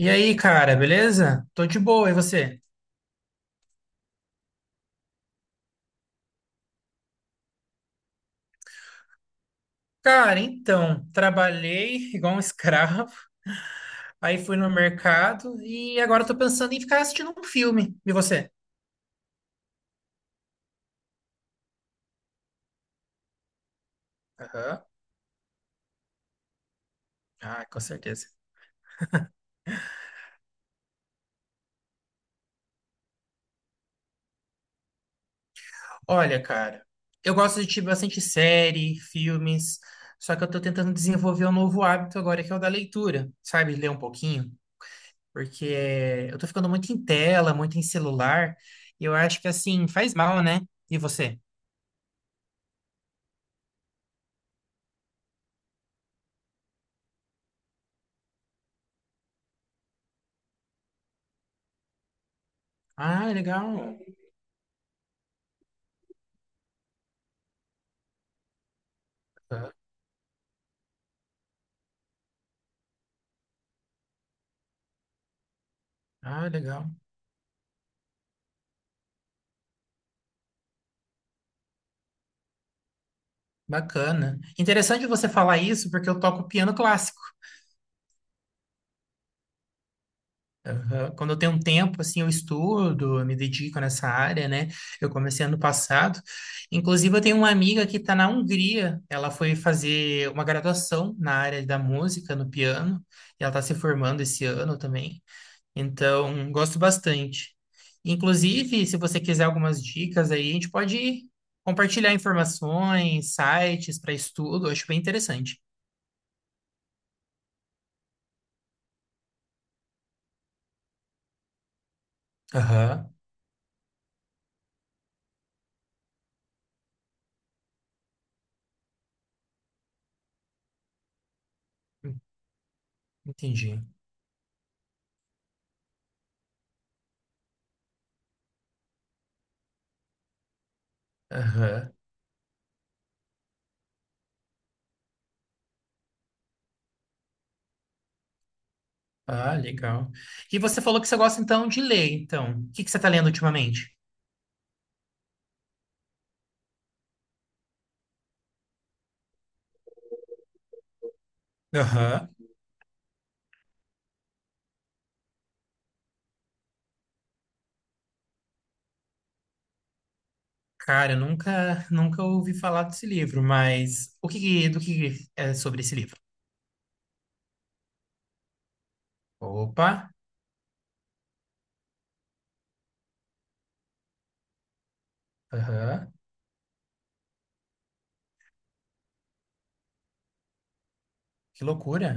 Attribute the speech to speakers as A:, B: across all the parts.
A: E aí, cara, beleza? Tô de boa, e você? Cara, então, trabalhei igual um escravo, aí fui no mercado e agora tô pensando em ficar assistindo um filme. E você? Aham. Ah, com certeza. Olha, cara, eu gosto de assistir bastante série, filmes, só que eu tô tentando desenvolver um novo hábito agora, que é o da leitura, sabe? Ler um pouquinho, porque eu tô ficando muito em tela, muito em celular, e eu acho que assim, faz mal, né? E você? Ah, legal. Ah, legal. Bacana. Interessante você falar isso, porque eu toco piano clássico. Aham. Quando eu tenho um tempo, assim, eu estudo, eu me dedico nessa área, né? Eu comecei ano passado. Inclusive, eu tenho uma amiga que está na Hungria. Ela foi fazer uma graduação na área da música, no piano, e ela está se formando esse ano também. Então, gosto bastante. Inclusive, se você quiser algumas dicas aí, a gente pode compartilhar informações, sites para estudo, eu acho bem interessante. Aham, en- entendi. Aham. Ah, legal. E você falou que você gosta então de ler, então. O que que você está lendo ultimamente? Aham. Cara, eu nunca ouvi falar desse livro, mas do que é sobre esse livro? Opa, aham. Que loucura.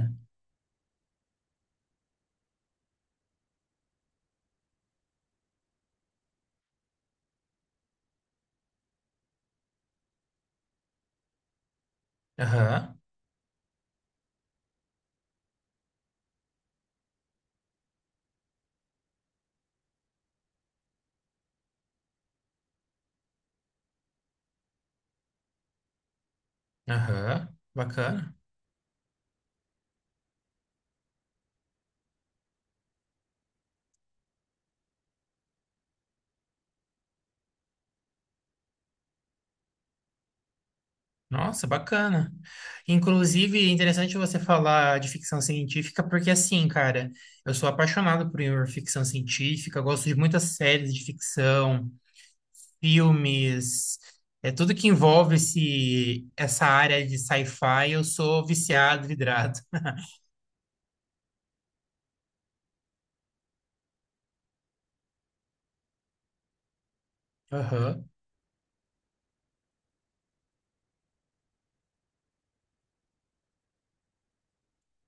A: Aham, aham. Bacana. Nossa, bacana. Inclusive, é interessante você falar de ficção científica, porque assim, cara, eu sou apaixonado por ficção científica, gosto de muitas séries de ficção, filmes, é tudo que envolve essa área de sci-fi, eu sou viciado, vidrado. Aham.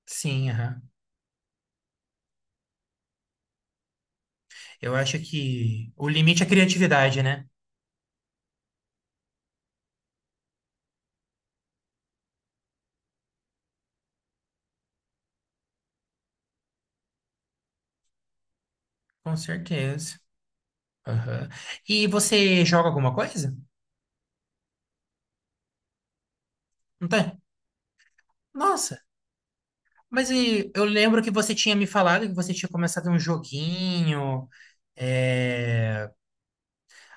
A: Sim, aham. Eu acho que o limite é a criatividade, né? Com certeza. Aham. E você joga alguma coisa? Não tem? Nossa. Mas e, eu lembro que você tinha me falado que você tinha começado um joguinho é,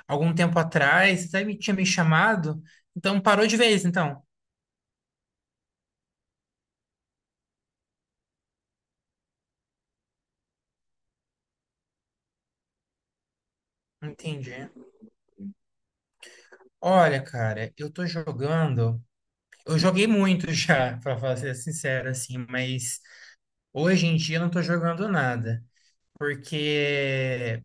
A: algum tempo atrás, você até me tinha me chamado, então parou de vez, então. Entendi. Olha, cara, eu tô jogando. Eu joguei muito já, ser sincero, assim, mas hoje em dia eu não tô jogando nada. Porque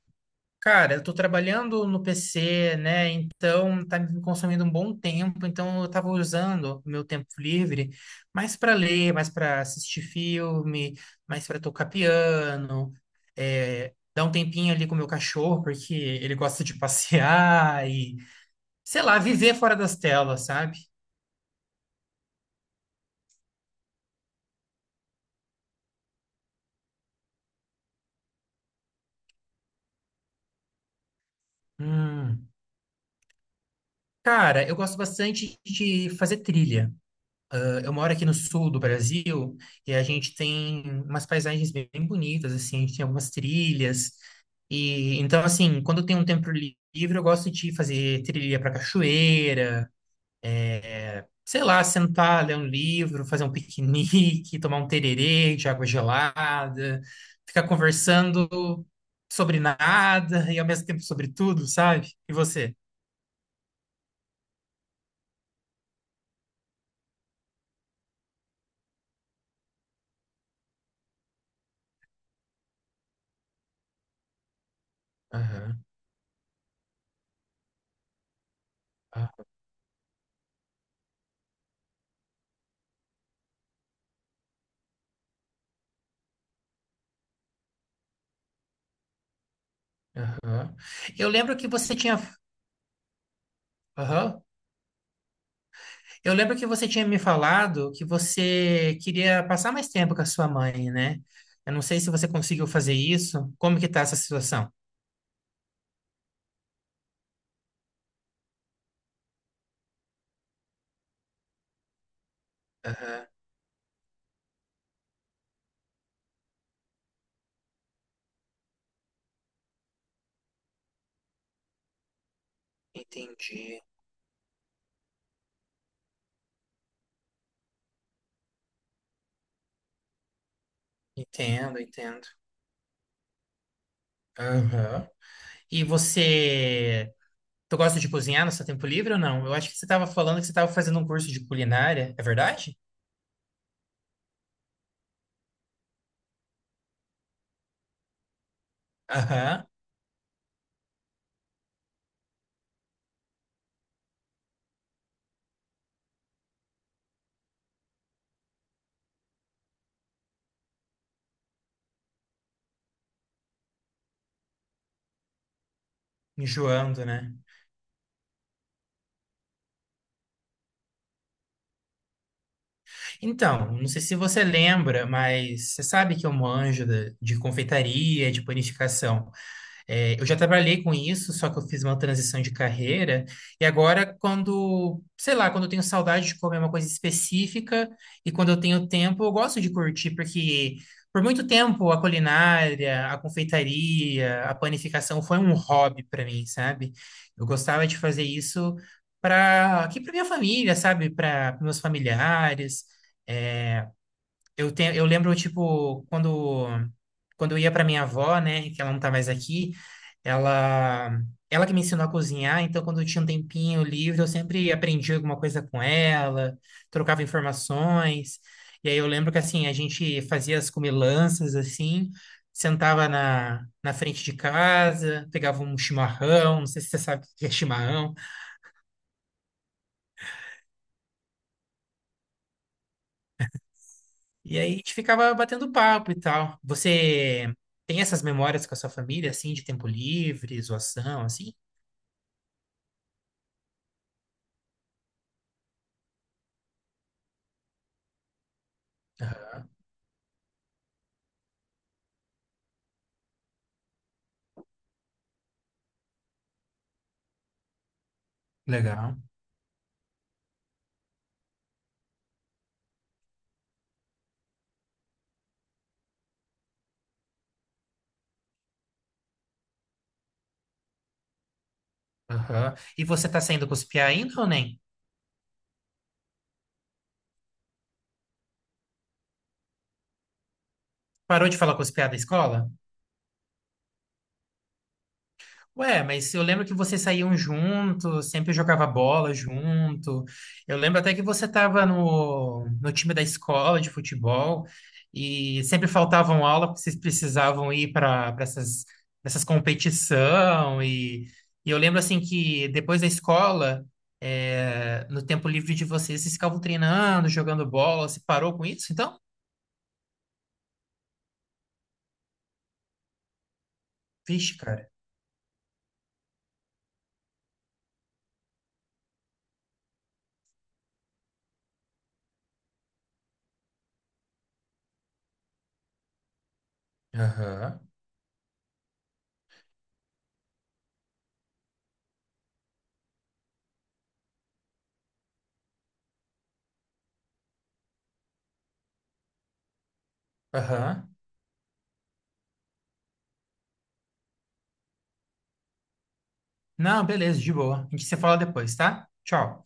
A: cara, eu tô trabalhando no PC, né? Então tá me consumindo um bom tempo. Então eu tava usando o meu tempo livre mais para ler, mais para assistir filme, mais para tocar piano, é, dar um tempinho ali com o meu cachorro, porque ele gosta de passear e, sei lá, viver fora das telas, sabe? Hum. Cara, eu gosto bastante de fazer trilha. Eu moro aqui no sul do Brasil e a gente tem umas paisagens bem bonitas, assim, a gente tem algumas trilhas. E então, assim, quando eu tenho um tempo livre, eu gosto de fazer trilha para cachoeira, é, sei lá, sentar, ler um livro, fazer um piquenique, tomar um tererê de água gelada, ficar conversando sobre nada e ao mesmo tempo sobre tudo, sabe? E você? Aham, ah, aham. Eu lembro que você tinha. Aham. Eu lembro que você tinha me falado que você queria passar mais tempo com a sua mãe, né? Eu não sei se você conseguiu fazer isso. Como que tá essa situação? Aham, entendi. Entendo, entendo. Aham. E você, tu gosta de cozinhar no seu tempo livre ou não? Eu acho que você estava falando que você estava fazendo um curso de culinária, é verdade? Aham. Enjoando, né? Então, não sei se você lembra, mas você sabe que eu manjo de confeitaria, de panificação. É, eu já trabalhei com isso, só que eu fiz uma transição de carreira. E agora, quando, sei lá, quando eu tenho saudade de comer uma coisa específica e quando eu tenho tempo, eu gosto de curtir, porque por muito tempo a culinária, a confeitaria, a panificação foi um hobby para mim, sabe? Eu gostava de fazer isso para aqui para minha família, sabe? Para meus familiares. É, eu lembro, tipo, quando eu ia para minha avó, né, que ela não tá mais aqui, ela, ela que me ensinou a cozinhar, então quando eu tinha um tempinho livre, eu sempre aprendia alguma coisa com ela, trocava informações. E aí eu lembro que, assim, a gente fazia as comilanças, assim, sentava na frente de casa, pegava um chimarrão, não sei se você sabe o que é chimarrão. E aí a gente ficava batendo papo e tal. Você tem essas memórias com a sua família, assim, de tempo livre, zoação, assim? Legal. Aham. E você tá saindo com os piá ainda ou nem? Parou de falar com os piá da escola? Ué, mas eu lembro que vocês saíam juntos, sempre jogava bola junto. Eu lembro até que você estava no time da escola de futebol e sempre faltavam aula porque vocês precisavam ir para essas competição. E eu lembro assim que depois da escola, é, no tempo livre de vocês, vocês ficavam treinando, jogando bola. Você parou com isso, então? Vixe, cara. Aham, aham. Não, beleza, de boa. A gente se fala depois, tá? Tchau.